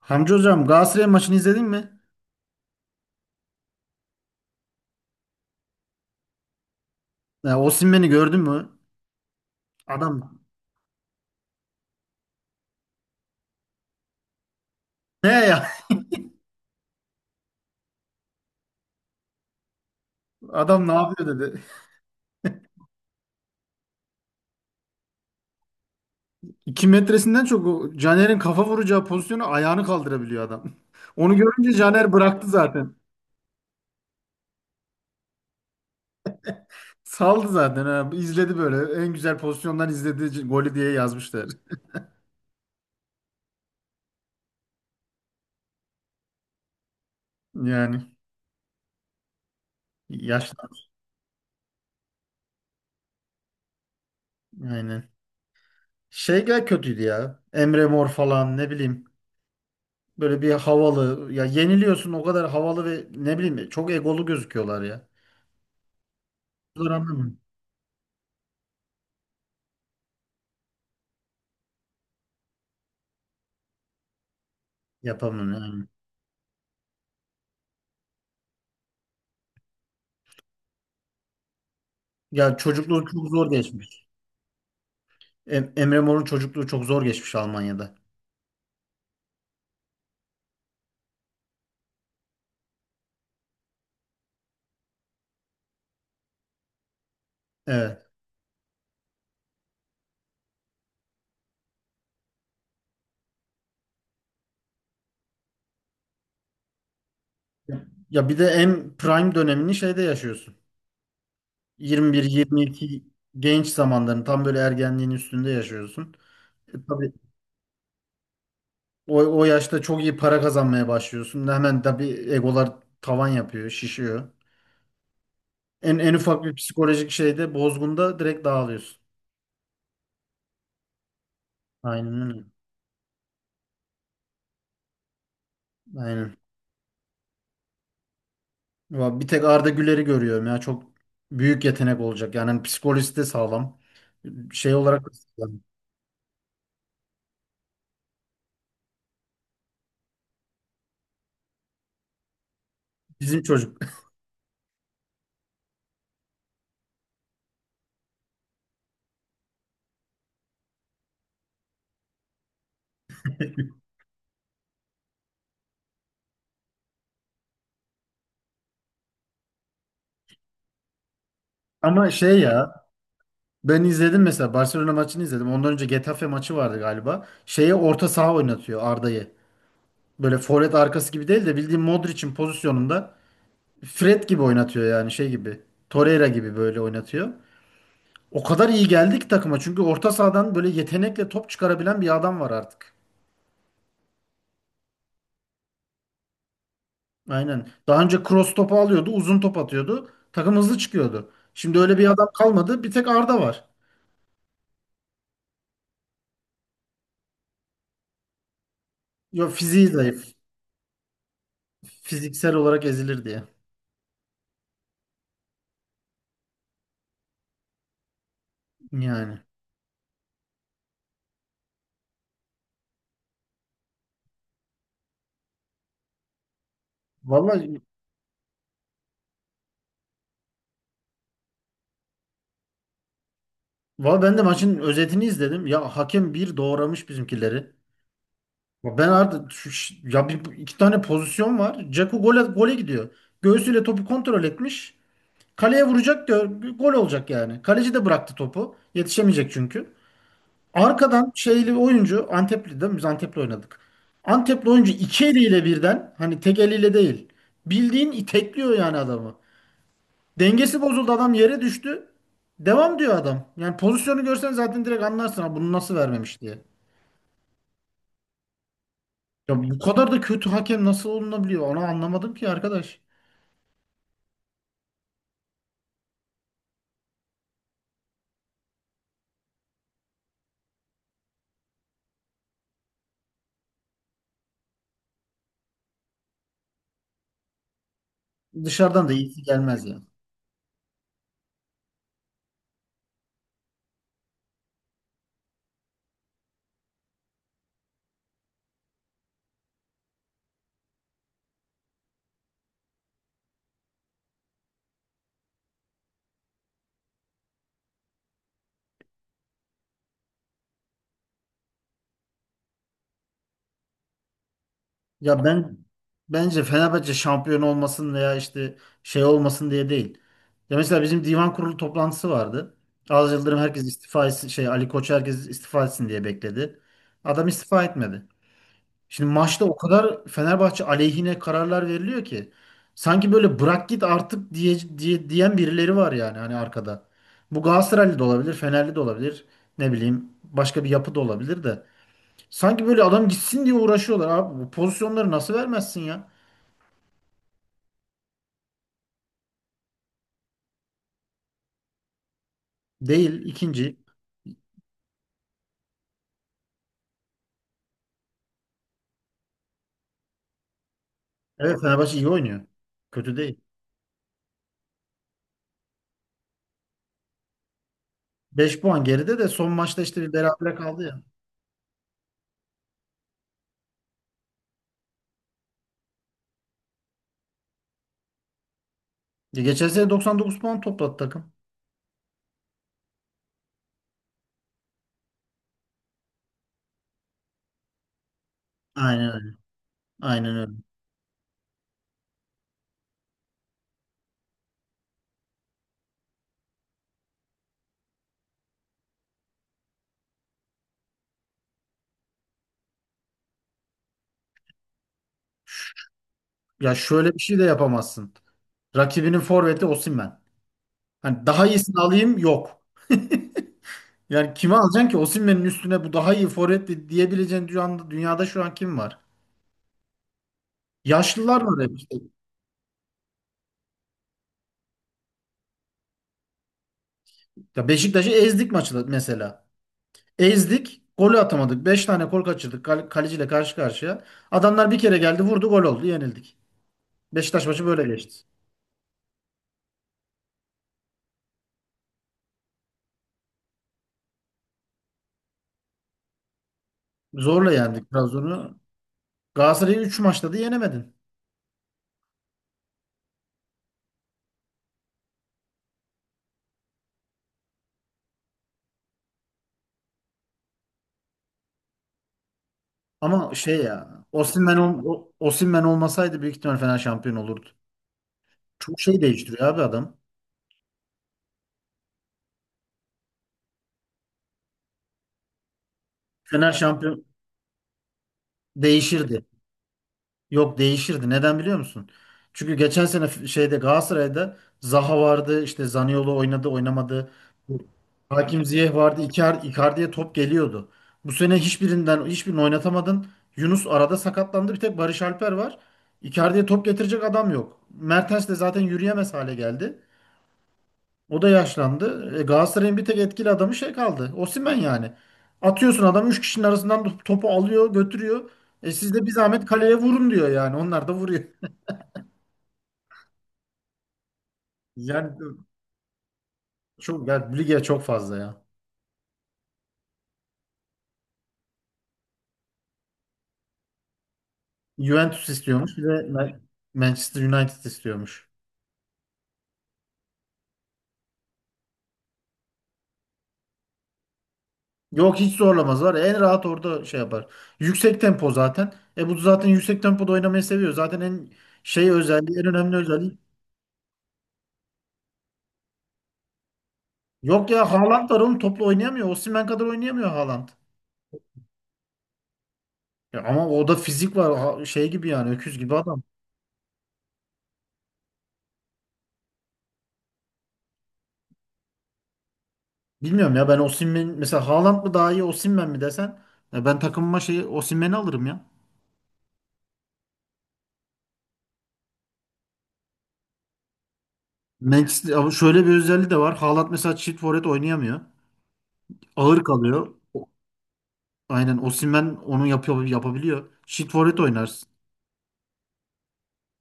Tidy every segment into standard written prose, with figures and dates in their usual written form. Hamdi hocam Galatasaray maçını izledin mi? Ya, Osimhen'i gördün mü? Adam ne ya? Adam ne yapıyor dedi. 2 metresinden çok o Caner'in kafa vuracağı pozisyonu ayağını kaldırabiliyor adam. Onu görünce Caner bıraktı zaten. Saldı zaten. Ha. İzledi böyle. En güzel pozisyondan izledi golü diye yazmışlar. Yani yaşlı. Aynen. Şeyler kötüydü ya. Emre Mor falan ne bileyim. Böyle bir havalı. Ya yeniliyorsun o kadar havalı ve ne bileyim çok egolu gözüküyorlar ya. Zor. Yapamam yani. Ya çocukluğu çok zor geçmiş. Emre Mor'un çocukluğu çok zor geçmiş Almanya'da. Evet. Ya bir de en prime dönemini şeyde yaşıyorsun. 21-22 genç zamanların tam böyle ergenliğin üstünde yaşıyorsun. E, tabii o yaşta çok iyi para kazanmaya başlıyorsun. Hemen tabii egolar tavan yapıyor, şişiyor. En ufak bir psikolojik şeyde bozgunda direkt dağılıyorsun. Aynen öyle. Aynen. Ya bir tek Arda Güler'i görüyorum ya. Çok büyük yetenek olacak. Yani hani psikolojisi de sağlam. Şey olarak da sağlam. Bizim çocuk. Ama şey ya ben izledim mesela Barcelona maçını izledim. Ondan önce Getafe maçı vardı galiba. Şeye orta saha oynatıyor Arda'yı. Böyle forvet arkası gibi değil de bildiğin Modric'in pozisyonunda Fred gibi oynatıyor yani şey gibi. Torreira gibi böyle oynatıyor. O kadar iyi geldi ki takıma. Çünkü orta sahadan böyle yetenekle top çıkarabilen bir adam var artık. Aynen. Daha önce cross topu alıyordu, uzun top atıyordu. Takım hızlı çıkıyordu. Şimdi öyle bir adam kalmadı. Bir tek Arda var. Yo fiziği zayıf. Fiziksel olarak ezilir diye. Yani. Vallahi, vallahi ben de maçın özetini izledim. Ya hakem bir doğramış bizimkileri. Ya ben Arda ya bir, iki tane pozisyon var. Dzeko gole, gole gidiyor. Göğsüyle topu kontrol etmiş. Kaleye vuracak diyor. Gol olacak yani. Kaleci de bıraktı topu. Yetişemeyecek çünkü. Arkadan şeyli oyuncu Antepli değil. Biz Antep'le oynadık. Antepli oyuncu iki eliyle birden hani tek eliyle değil. Bildiğin itekliyor yani adamı. Dengesi bozuldu adam yere düştü. Devam diyor adam. Yani pozisyonu görsen zaten direkt anlarsın ha bunu nasıl vermemiş diye. Ya bu kadar da kötü hakem nasıl olunabiliyor? Onu anlamadım ki arkadaş. Dışarıdan da iyisi gelmez ya. Ya ben bence Fenerbahçe şampiyon olmasın veya işte şey olmasın diye değil. Ya mesela bizim divan kurulu toplantısı vardı. Aziz Yıldırım herkes istifa etsin, şey Ali Koç herkes istifa etsin diye bekledi. Adam istifa etmedi. Şimdi maçta o kadar Fenerbahçe aleyhine kararlar veriliyor ki sanki böyle bırak git artık diye diyen birileri var yani hani arkada. Bu Galatasaraylı da olabilir, Fenerli de olabilir, ne bileyim başka bir yapı da olabilir de. Sanki böyle adam gitsin diye uğraşıyorlar abi. Bu pozisyonları nasıl vermezsin ya? Değil ikinci. Evet Fenerbahçe iyi oynuyor. Kötü değil. Beş puan geride de son maçta işte bir berabere kaldı ya. Ya geçen sene 99 puan topladı takım. Aynen öyle. Aynen öyle. Ş- Ya şöyle bir şey de yapamazsın. Rakibinin forveti Osimhen. Hani daha iyisini alayım yok. Yani kime alacaksın ki Osimhen'in üstüne bu daha iyi forvet diyebileceğin dünyada, dünyada şu an kim var? Yaşlılar var hep işte. Ya Beşiktaş'ı ezdik maçı da mesela. Ezdik. Golü atamadık. 5 tane gol kaçırdık. Kaleciyle karşı karşıya. Adamlar bir kere geldi vurdu gol oldu yenildik. Beşiktaş maçı böyle geçti. Zorla yendik Trabzon'u. Galatasaray'ı 3 maçta da yenemedin. Ama şey ya Osimhen, Osimhen olmasaydı büyük ihtimal Fener şampiyon olurdu. Çok şey değiştiriyor abi adam. Fener şampiyon değişirdi. Yok değişirdi. Neden biliyor musun? Çünkü geçen sene şeyde Galatasaray'da Zaha vardı, işte Zaniolo oynadı, oynamadı. Hakim Ziyech vardı. Icardi'ye top geliyordu. Bu sene hiçbirinden hiçbirini oynatamadın. Yunus arada sakatlandı. Bir tek Barış Alper var. Icardi'ye top getirecek adam yok. Mertens de zaten yürüyemez hale geldi. O da yaşlandı. E, Galatasaray'ın bir tek etkili adamı şey kaldı. Osimhen yani. Atıyorsun adam 3 kişinin arasından topu alıyor, götürüyor. E siz de bir zahmet kaleye vurun diyor yani. Onlar da vuruyor. Yani çok yani lige çok fazla ya. Juventus istiyormuş, bir de Manchester United istiyormuş. Yok hiç zorlamaz var. Ya, en rahat orada şey yapar. Yüksek tempo zaten. E bu zaten yüksek tempoda oynamayı seviyor. Zaten en şey özelliği, en önemli özelliği. Yok ya Haaland var oğlum topla oynayamıyor. Osimhen kadar oynayamıyor Haaland. Ya ama o da fizik var şey gibi yani öküz gibi adam. Bilmiyorum ya ben Osimhen mesela Haaland mı daha iyi Osimhen mi desen ya ben takımıma şey Osimhen'i alırım ya. Manchester ama şöyle bir özelliği de var. Haaland mesela çift forvet oynayamıyor. Ağır kalıyor. Aynen Osimhen onu yapıyor yapabiliyor. Çift forvet oynarsın.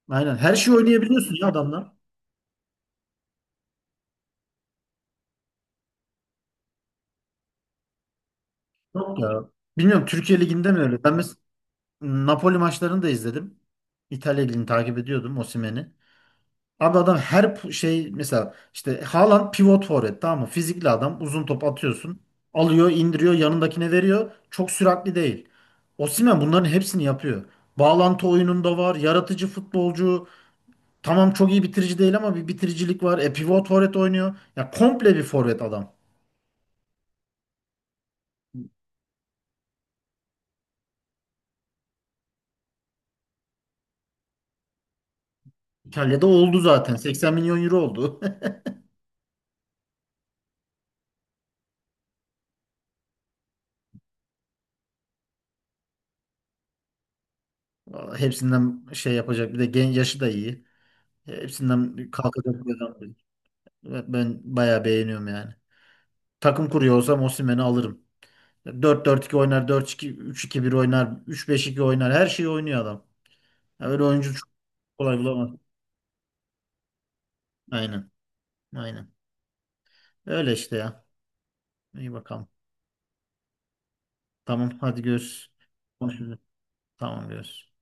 Aynen her şeyi oynayabiliyorsun ya adamlar. Yok ya. Bilmiyorum Türkiye Ligi'nde mi öyle? Ben mesela Napoli maçlarını da izledim. İtalya Ligi'ni takip ediyordum Osimhen'i. Abi adam her şey mesela işte Haaland pivot forvet tamam mı? Fizikli adam uzun top atıyorsun. Alıyor indiriyor yanındakine veriyor. Çok süratli değil. Osimhen bunların hepsini yapıyor. Bağlantı oyununda var. Yaratıcı futbolcu. Tamam çok iyi bitirici değil ama bir bitiricilik var. E pivot forvet oynuyor. Ya komple bir forvet adam. İtalya'da oldu zaten. 80 milyon euro oldu. Vallahi hepsinden şey yapacak. Bir de gen yaşı da iyi. Hepsinden kalkacak bir adam. Evet, ben bayağı beğeniyorum yani. Takım kuruyor olsam Osimhen'i alırım. Dört dört 2 oynar, dört iki üç iki bir oynar, üç beş iki oynar. Her şeyi oynuyor adam. Ya öyle oyuncu çok kolay bulamaz. Aynen. Aynen. Öyle işte ya. İyi bakalım. Tamam hadi görüşürüz. Konuşuruz. Tamam görüşürüz.